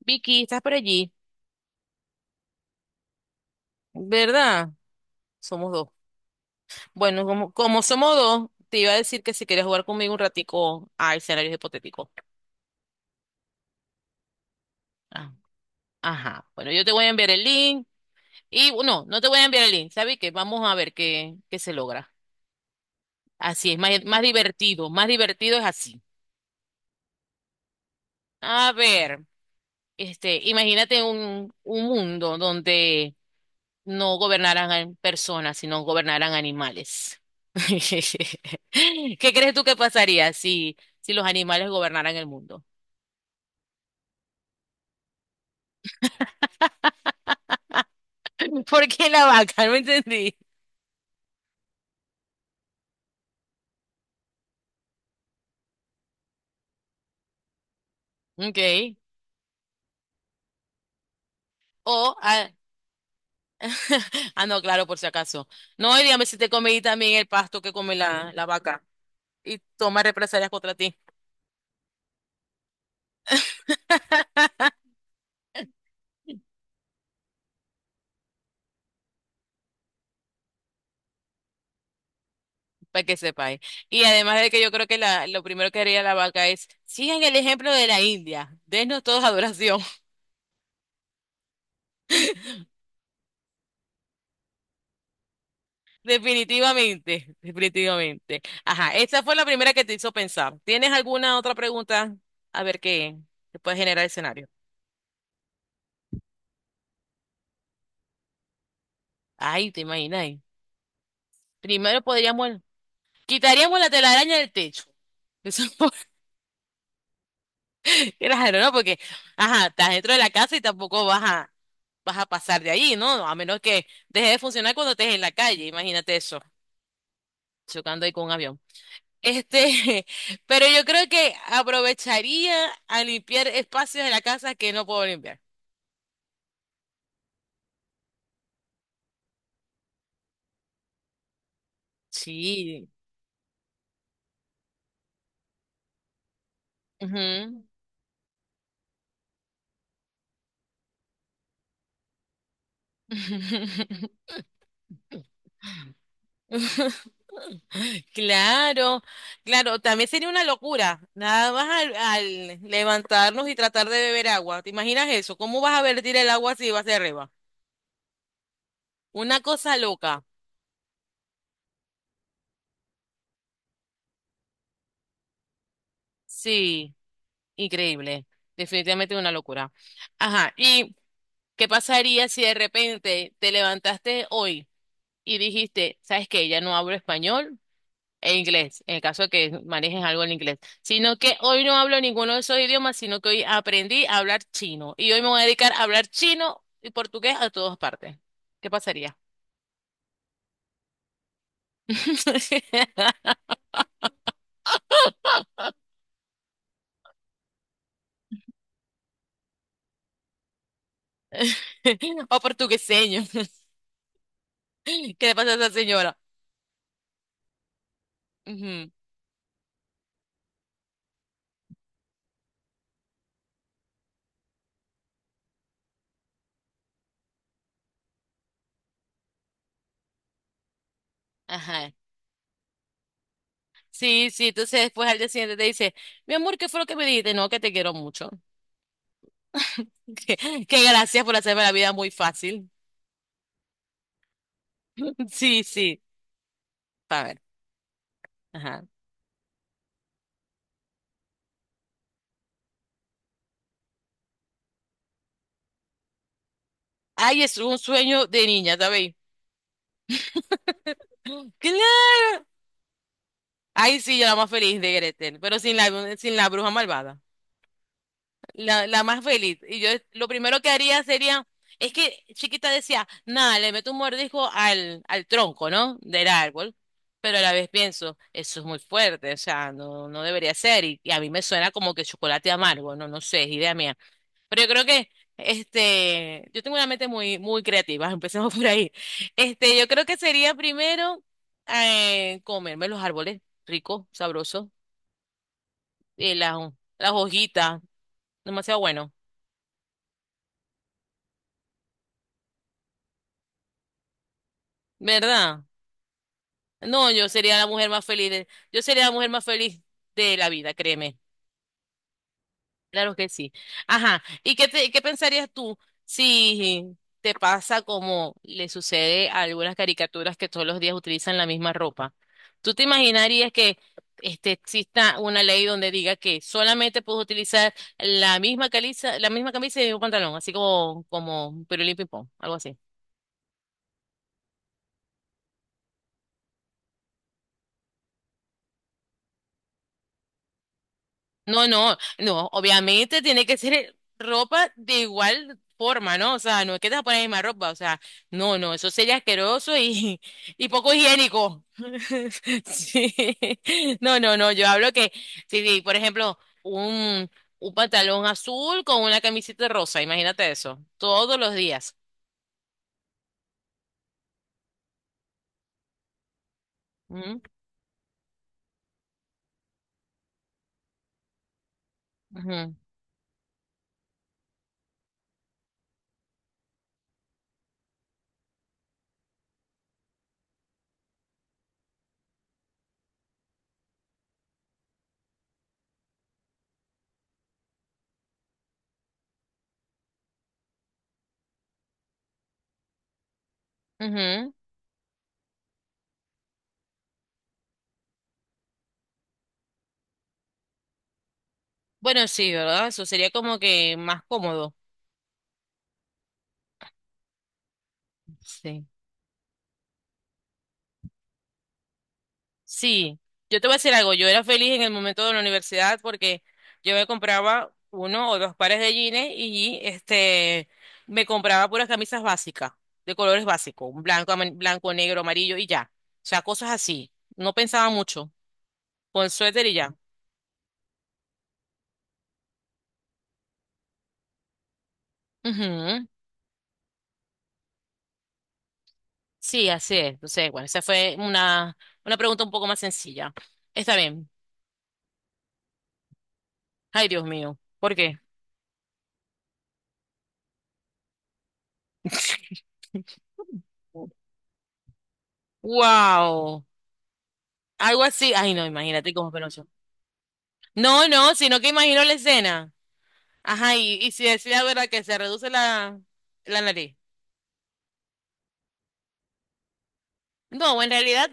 Vicky, estás por allí, ¿verdad? Somos dos. Bueno, como somos dos, te iba a decir que si quieres jugar conmigo un ratico a escenarios hipotéticos. Ah. Ajá. Bueno, yo te voy a enviar el link. Y no te voy a enviar el link, ¿sabes qué? Vamos a ver qué se logra. Así es, más divertido, más divertido es así. A ver, imagínate un mundo donde no gobernaran personas, sino gobernaran animales. ¿Qué crees tú que pasaría si los animales gobernaran el mundo? ¿Por qué la vaca? No entendí. Okay. O, ah. Ah, no, claro, por si acaso. No, y dígame si te comí también el pasto que come la vaca y toma represalias contra ti. Para que sepáis. Y además de que yo creo que la, lo primero que haría la vaca es, sigan el ejemplo de la India, denos todos adoración. Definitivamente, definitivamente. Ajá, esa fue la primera que te hizo pensar. ¿Tienes alguna otra pregunta? A ver qué te puede generar el escenario. Ay, te imaginas. Primero podríamos, quitaríamos la telaraña del techo. Eso es raro, ¿no? Porque, ajá, estás dentro de la casa y tampoco vas a, vas a pasar de ahí, ¿no? A menos que deje de funcionar cuando estés en la calle. Imagínate eso, chocando ahí con un avión. Este, pero yo creo que aprovecharía a limpiar espacios de la casa que no puedo limpiar. Sí. Ujú. Claro, claro, también sería una locura, nada más al levantarnos y tratar de beber agua. ¿Te imaginas eso? ¿Cómo vas a vertir el agua si vas hacia arriba? Una cosa loca. Sí, increíble. Definitivamente una locura. Ajá, y ¿qué pasaría si de repente te levantaste hoy y dijiste, sabes que ya no hablo español e inglés, en el caso de que manejes algo en inglés, sino que hoy no hablo ninguno de esos idiomas, sino que hoy aprendí a hablar chino y hoy me voy a dedicar a hablar chino y portugués a todas partes? ¿Qué pasaría? O portugueseño. ¿Qué le pasa a esa señora? Ujú. Ajá. Sí, sí, entonces después al día siguiente te dice, mi amor, ¿qué fue lo que me dijiste? No, que te quiero mucho. Que, gracias por hacerme la vida muy fácil. Sí, sí. A ver. Ajá. Ay, es un sueño de niña, ¿sabéis? ¡Claro! Ay, sí, yo la más feliz de Gretel, pero sin la bruja malvada. La más feliz. Y yo lo primero que haría sería. Es que chiquita decía, nada, le meto un mordisco al tronco, ¿no? Del árbol. Pero a la vez pienso, eso es muy fuerte, o sea, no, no debería ser. Y a mí me suena como que chocolate amargo, no, no sé, es idea mía. Pero yo creo que, yo tengo una mente muy creativa, empecemos por ahí. Yo creo que sería primero comerme los árboles, rico, sabroso, y las hojitas, demasiado bueno, ¿verdad? No, yo sería la mujer más feliz de la vida, créeme. Claro que sí. Ajá. ¿Y qué pensarías tú si te pasa como le sucede a algunas caricaturas que todos los días utilizan la misma ropa? ¿Tú te imaginarías que exista una ley donde diga que solamente puedes utilizar la misma camisa y el mismo pantalón, así como pirulín ping pong, algo así? No, no, no, obviamente tiene que ser ropa de igual forma, ¿no? O sea, no es que te vas a poner la misma ropa, o sea, no, no, eso sería asqueroso y, y poco higiénico. Sí. No, no, no, yo hablo que, sí, sí, por ejemplo, un pantalón azul con una camiseta rosa, imagínate eso, todos los días. Ujú, ujú, ujú. Bueno, sí, ¿verdad? Eso sería como que más cómodo. Sí. Sí, yo te voy a decir algo, yo era feliz en el momento de la universidad porque yo me compraba uno o dos pares de jeans y me compraba puras camisas básicas, de colores básicos, un blanco, blanco, negro, amarillo y ya. O sea, cosas así. No pensaba mucho, con suéter y ya. Ujú. Sí, así es. Entonces, bueno, esa fue una pregunta un poco más sencilla. Está bien. Ay, Dios mío. ¿Por qué? Wow. Algo así. Ay, no, imagínate cómo penoso. No, no, sino que imagino la escena. Ajá, y si decía, ¿verdad? Que se reduce la nariz. No, en realidad,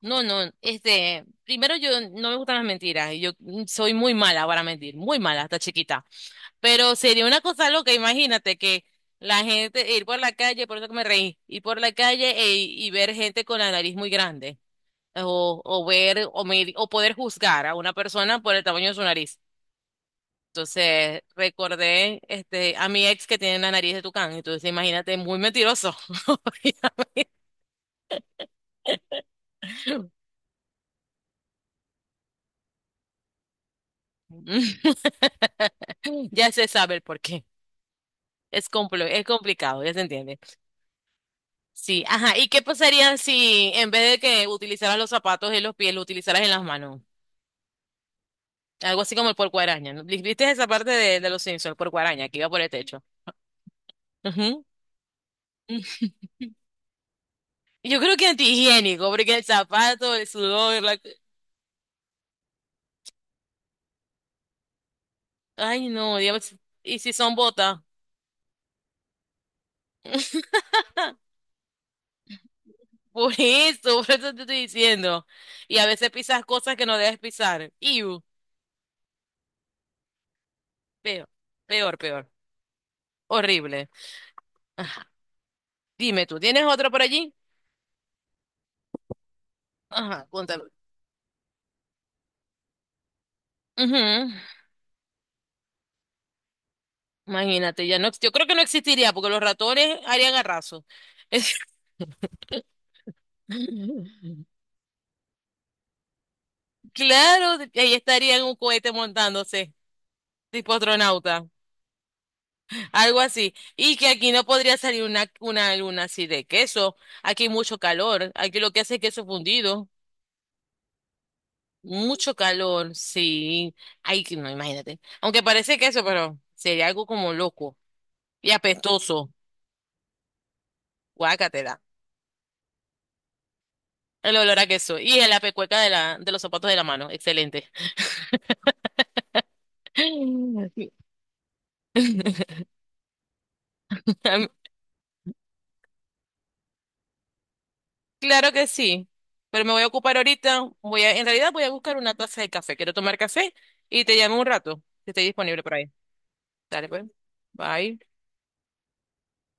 no, no. Primero yo no me gustan las mentiras. Y yo soy muy mala para mentir, muy mala, hasta chiquita. Pero sería una cosa loca, imagínate que la gente, ir por la calle, por eso que me reí, ir por la calle y ver gente con la nariz muy grande. O ver, o, medir- o poder juzgar a una persona por el tamaño de su nariz. Entonces recordé a mi ex que tiene la nariz de tucán. Entonces imagínate, muy mentiroso. Ya se sabe el por qué. Es complicado, ya se entiende. Sí, ajá. ¿Y qué pasaría si en vez de que utilizaras los zapatos en los pies, lo utilizaras en las manos? Algo así como el porco araña, ¿no? ¿Viste esa parte de los Simpsons, el porco araña, que iba por el techo? Ujú. Yo creo que antihigiénico, porque el zapato, el sudor, la... Ay, no, digamos, ¿y si son botas? Por eso te estoy diciendo. Y a veces pisas cosas que no debes pisar. Iu, peor, peor, peor. Horrible. Ajá. Dime tú, ¿tienes otro por allí? Ajá, cuéntalo. Ujú. Imagínate, ya no, yo creo que no existiría porque los ratones harían arraso. Es- Claro, ahí estaría en un cohete montándose, tipo astronauta, algo así. Y que aquí no podría salir una luna así de queso. Aquí hay mucho calor, aquí lo que hace es queso fundido. Mucho calor, sí. Ay, que no, imagínate. Aunque parece que eso, pero sería algo como loco y apestoso. Guácatela. El olor a queso. Y el pecueca de de los zapatos de la mano. Excelente. Am- Claro que sí. Pero me voy a ocupar ahorita. Voy a, en realidad voy a buscar una taza de café. Quiero tomar café y te llamo un rato, que esté disponible por ahí. Dale, pues. Bye.